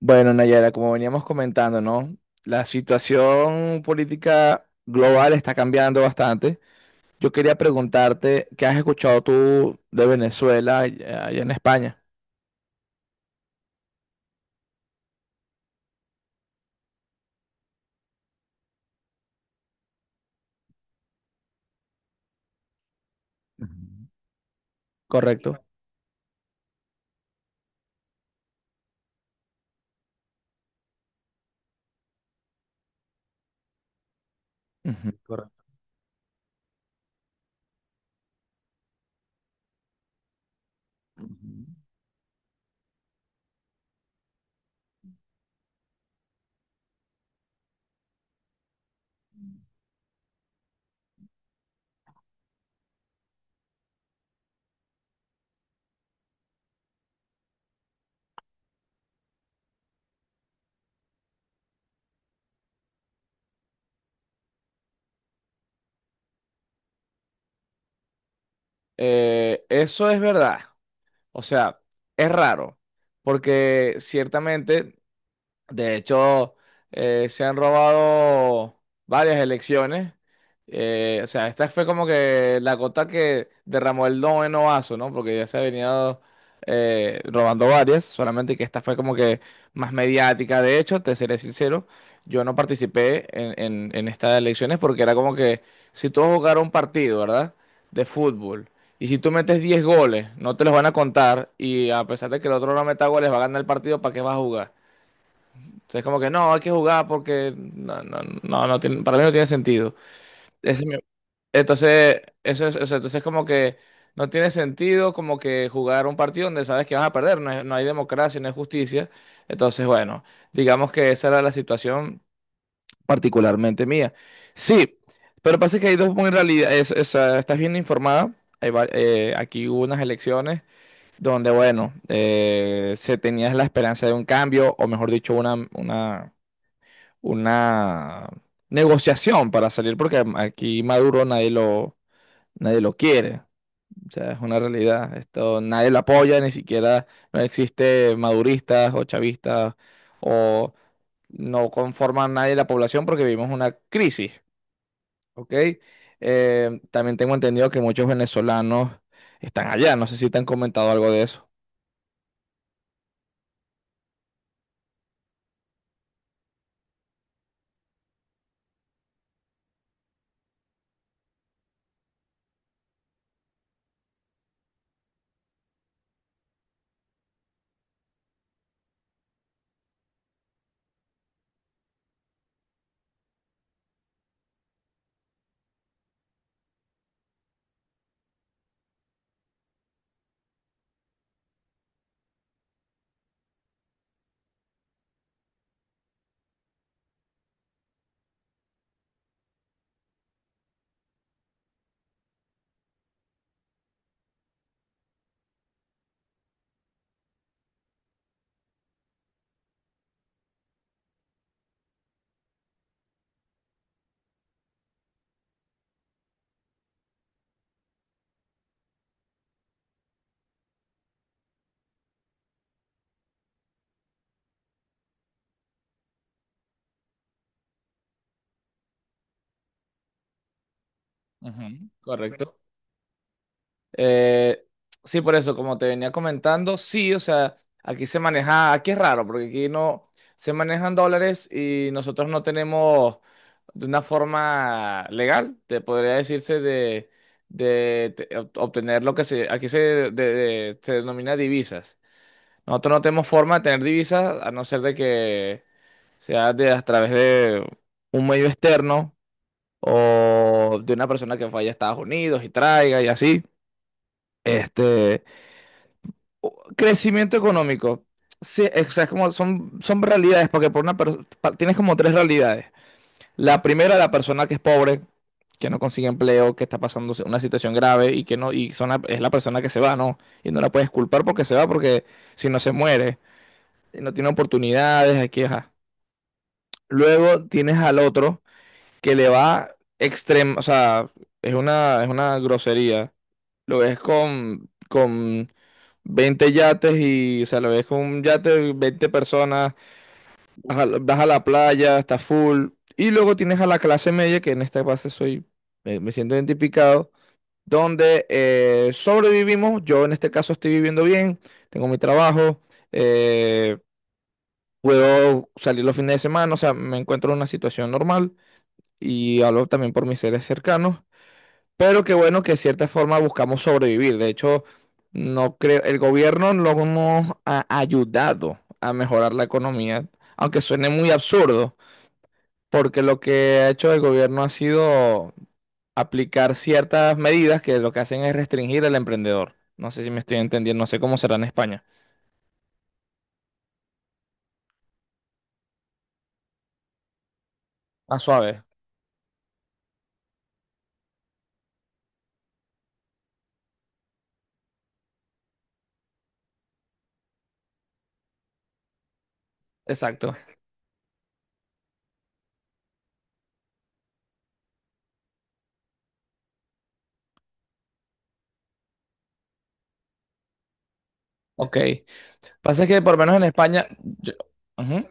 Bueno, Nayara, como veníamos comentando, ¿no? La situación política global está cambiando bastante. Yo quería preguntarte, ¿qué has escuchado tú de Venezuela allá en España? ¿Correcto? Ujú. Eso es verdad. O sea, es raro, porque ciertamente. De hecho, se han robado varias elecciones. O sea, esta fue como que la gota que derramó el noveno vaso, ¿no? Porque ya se ha venido robando varias, solamente que esta fue como que más mediática. De hecho, te seré sincero, yo no participé en estas elecciones porque era como que si tú vas a jugar un partido, ¿verdad? De fútbol. Y si tú metes 10 goles, no te los van a contar. Y a pesar de que el otro no meta goles, va a ganar el partido, ¿para qué vas a jugar? O sea, es como que no, hay que jugar porque no, no, no, para mí no tiene sentido. Ese me- entonces, eso es, o sea, entonces es como que no tiene sentido como que jugar un partido donde sabes que vas a perder, no, no hay democracia, no hay justicia. Entonces, bueno, digamos que esa era la situación particularmente mía. Sí, pero pasa que hay dos muy realidad, estás bien informada. Aquí hubo unas elecciones donde, bueno, se tenía la esperanza de un cambio, o mejor dicho, una negociación para salir, porque aquí Maduro nadie lo quiere. O sea, es una realidad. Esto nadie lo apoya, ni siquiera no existe maduristas o chavistas o no conforman nadie la población porque vivimos una crisis, ¿ok? También tengo entendido que muchos venezolanos están allá. No sé si te han comentado algo de eso. Ujú. Correcto. Eh, sí, por eso, como te venía comentando, sí, o sea, aquí se maneja, aquí es raro, porque aquí no se manejan dólares y nosotros no tenemos de una forma legal, te podría decirse de, obtener lo que se, aquí se, se denomina divisas. Nosotros no tenemos forma de tener divisas a no ser de que sea de, a través de un medio externo o de una persona que vaya a Estados Unidos y traiga y así. Este, crecimiento económico. Sí, es, o sea, es como son, son realidades, porque por una tienes como tres realidades. La primera, la persona que es pobre, que no consigue empleo, que está pasando una situación grave y que no, y es la persona que se va, ¿no? Y no la puedes culpar porque se va, porque si no se muere, no tiene oportunidades, aquí, ajá. Luego tienes al otro que le va extremo, o sea, es una grosería. Lo ves con 20 yates y, o sea, lo ves con un yate, 20 personas, vas a la playa, está full. Y luego tienes a la clase media, que en esta base soy, me siento identificado, donde sobrevivimos. Yo en este caso estoy viviendo bien, tengo mi trabajo, eh, puedo salir los fines de semana, o sea, me encuentro en una situación normal y hablo también por mis seres cercanos. Pero qué bueno que de cierta forma buscamos sobrevivir. De hecho, no creo, el gobierno no nos ha ayudado a mejorar la economía, aunque suene muy absurdo, porque lo que ha hecho el gobierno ha sido aplicar ciertas medidas que lo que hacen es restringir al emprendedor. No sé si me estoy entendiendo, no sé cómo será en España. Más suave, exacto. Ok. Pasa que por lo menos en España. Yo. Ujú,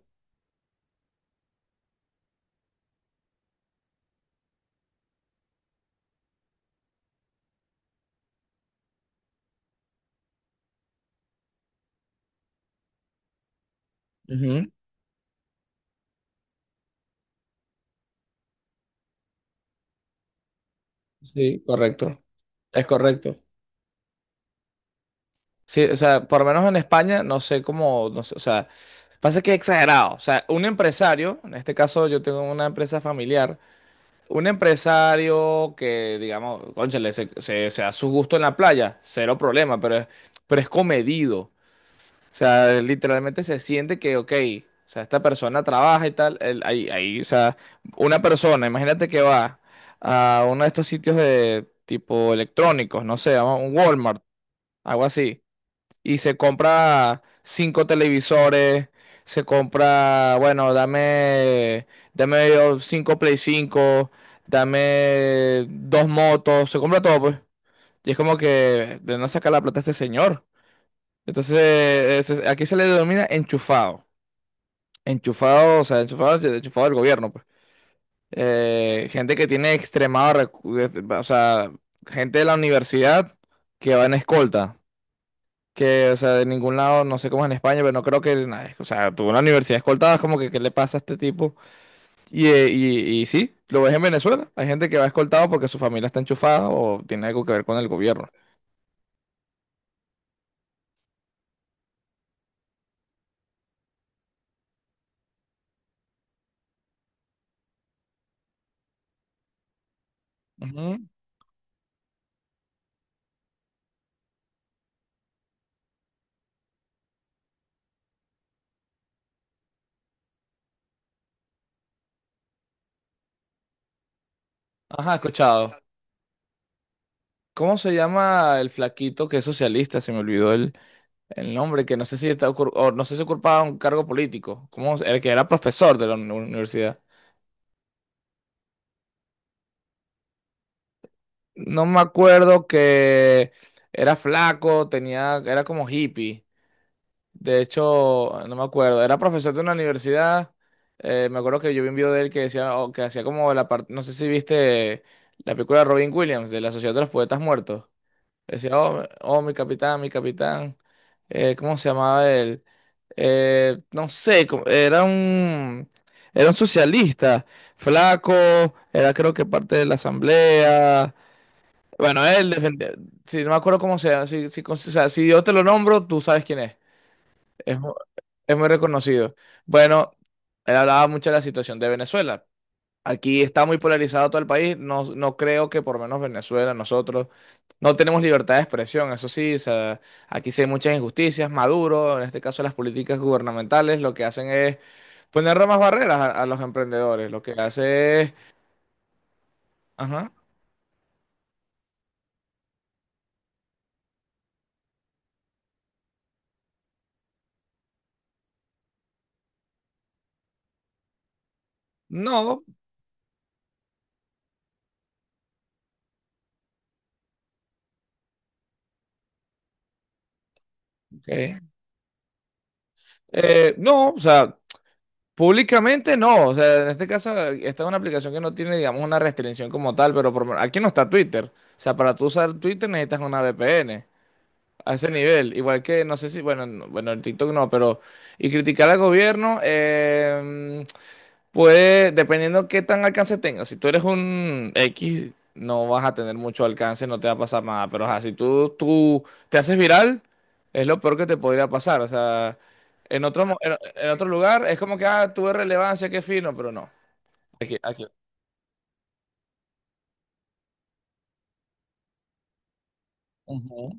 ujú. Sí, correcto. Es correcto. Sí, o sea, por lo menos en España, no sé cómo, no sé, o sea, pasa que es exagerado. O sea, un empresario, en este caso yo tengo una empresa familiar, un empresario que, digamos, cónchale, se da su gusto en la playa, cero problema, pero es comedido. O sea, literalmente se siente que, ok, o sea, esta persona trabaja y tal, o sea, una persona, imagínate que va a uno de estos sitios de tipo electrónicos, no sé, a un Walmart, algo así y se compra cinco televisores, se compra, bueno, dame, dame yo cinco Play 5 dame dos motos, se compra todo, pues. Y es como que de no sacar la plata a este señor. Entonces, aquí se le denomina enchufado. Enchufado, o sea, enchufado del gobierno, pues. Gente que tiene extremado, o sea, gente de la universidad que va en escolta. Que, o sea, de ningún lado, no sé cómo es en España, pero no creo que, o sea, tuvo una universidad escoltada, es como que, ¿qué le pasa a este tipo? Y sí, lo ves en Venezuela, hay gente que va escoltado porque su familia está enchufada o tiene algo que ver con el gobierno. Ujú. Ajá, escuchado. ¿Cómo se llama el flaquito que es socialista? Se me olvidó el nombre, que no sé si está o no sé si ocupaba un cargo político. ¿Cómo? El que era profesor de la universidad. No me acuerdo que era flaco, tenía, era como hippie. De hecho, no me acuerdo, era profesor de una universidad. Me acuerdo que yo vi un video de él que decía, o que hacía como la parte, no sé si viste la película de Robin Williams, de la Sociedad de los Poetas Muertos. Decía, oh, oh, mi capitán, mi capitán. ¿Cómo se llamaba él? No sé, era un socialista, flaco, era creo que parte de la asamblea. Bueno, él defendía, si no me acuerdo cómo sea, o sea, si yo te lo nombro, tú sabes quién es. Es, mu- es muy reconocido. Bueno, él hablaba mucho de la situación de Venezuela. Aquí está muy polarizado todo el país. No, no creo que por lo menos Venezuela, nosotros, no tenemos libertad de expresión. Eso sí, o sea, aquí sí hay muchas injusticias. Maduro, en este caso las políticas gubernamentales, lo que hacen es poner más barreras a los emprendedores. Lo que hace es... Ajá. No, ok. Eh, no, o sea, públicamente no, o sea, en este caso, esta es una aplicación que no tiene, digamos, una restricción como tal, pero por lo menos- aquí no está Twitter. O sea, para tú usar Twitter necesitas una VPN a ese nivel. Igual que, no sé si, bueno, bueno, el TikTok no, pero. Y criticar al gobierno, puede, dependiendo qué tan alcance tengas. Si tú eres un X, no vas a tener mucho alcance, no te va a pasar nada. Pero ajá, si tú te haces viral, es lo peor que te podría pasar. O sea, en otro lugar es como que, ah, tuve relevancia, qué fino, pero no. Aquí. Ujú.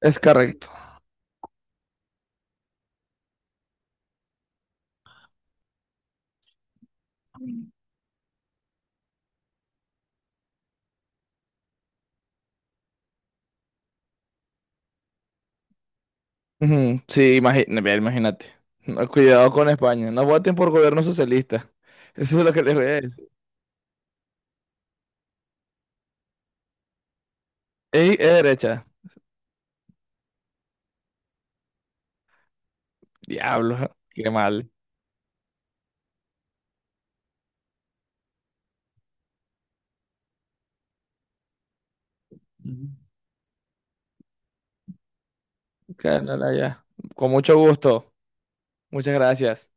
Es correcto. Ujú, sí, mira, imagínate. No, cuidado con España. No voten por gobierno socialista. Eso es lo que les voy a decir. Ey, es derecha. Diablo, qué mal. Carla, ya. Con mucho gusto. Muchas gracias.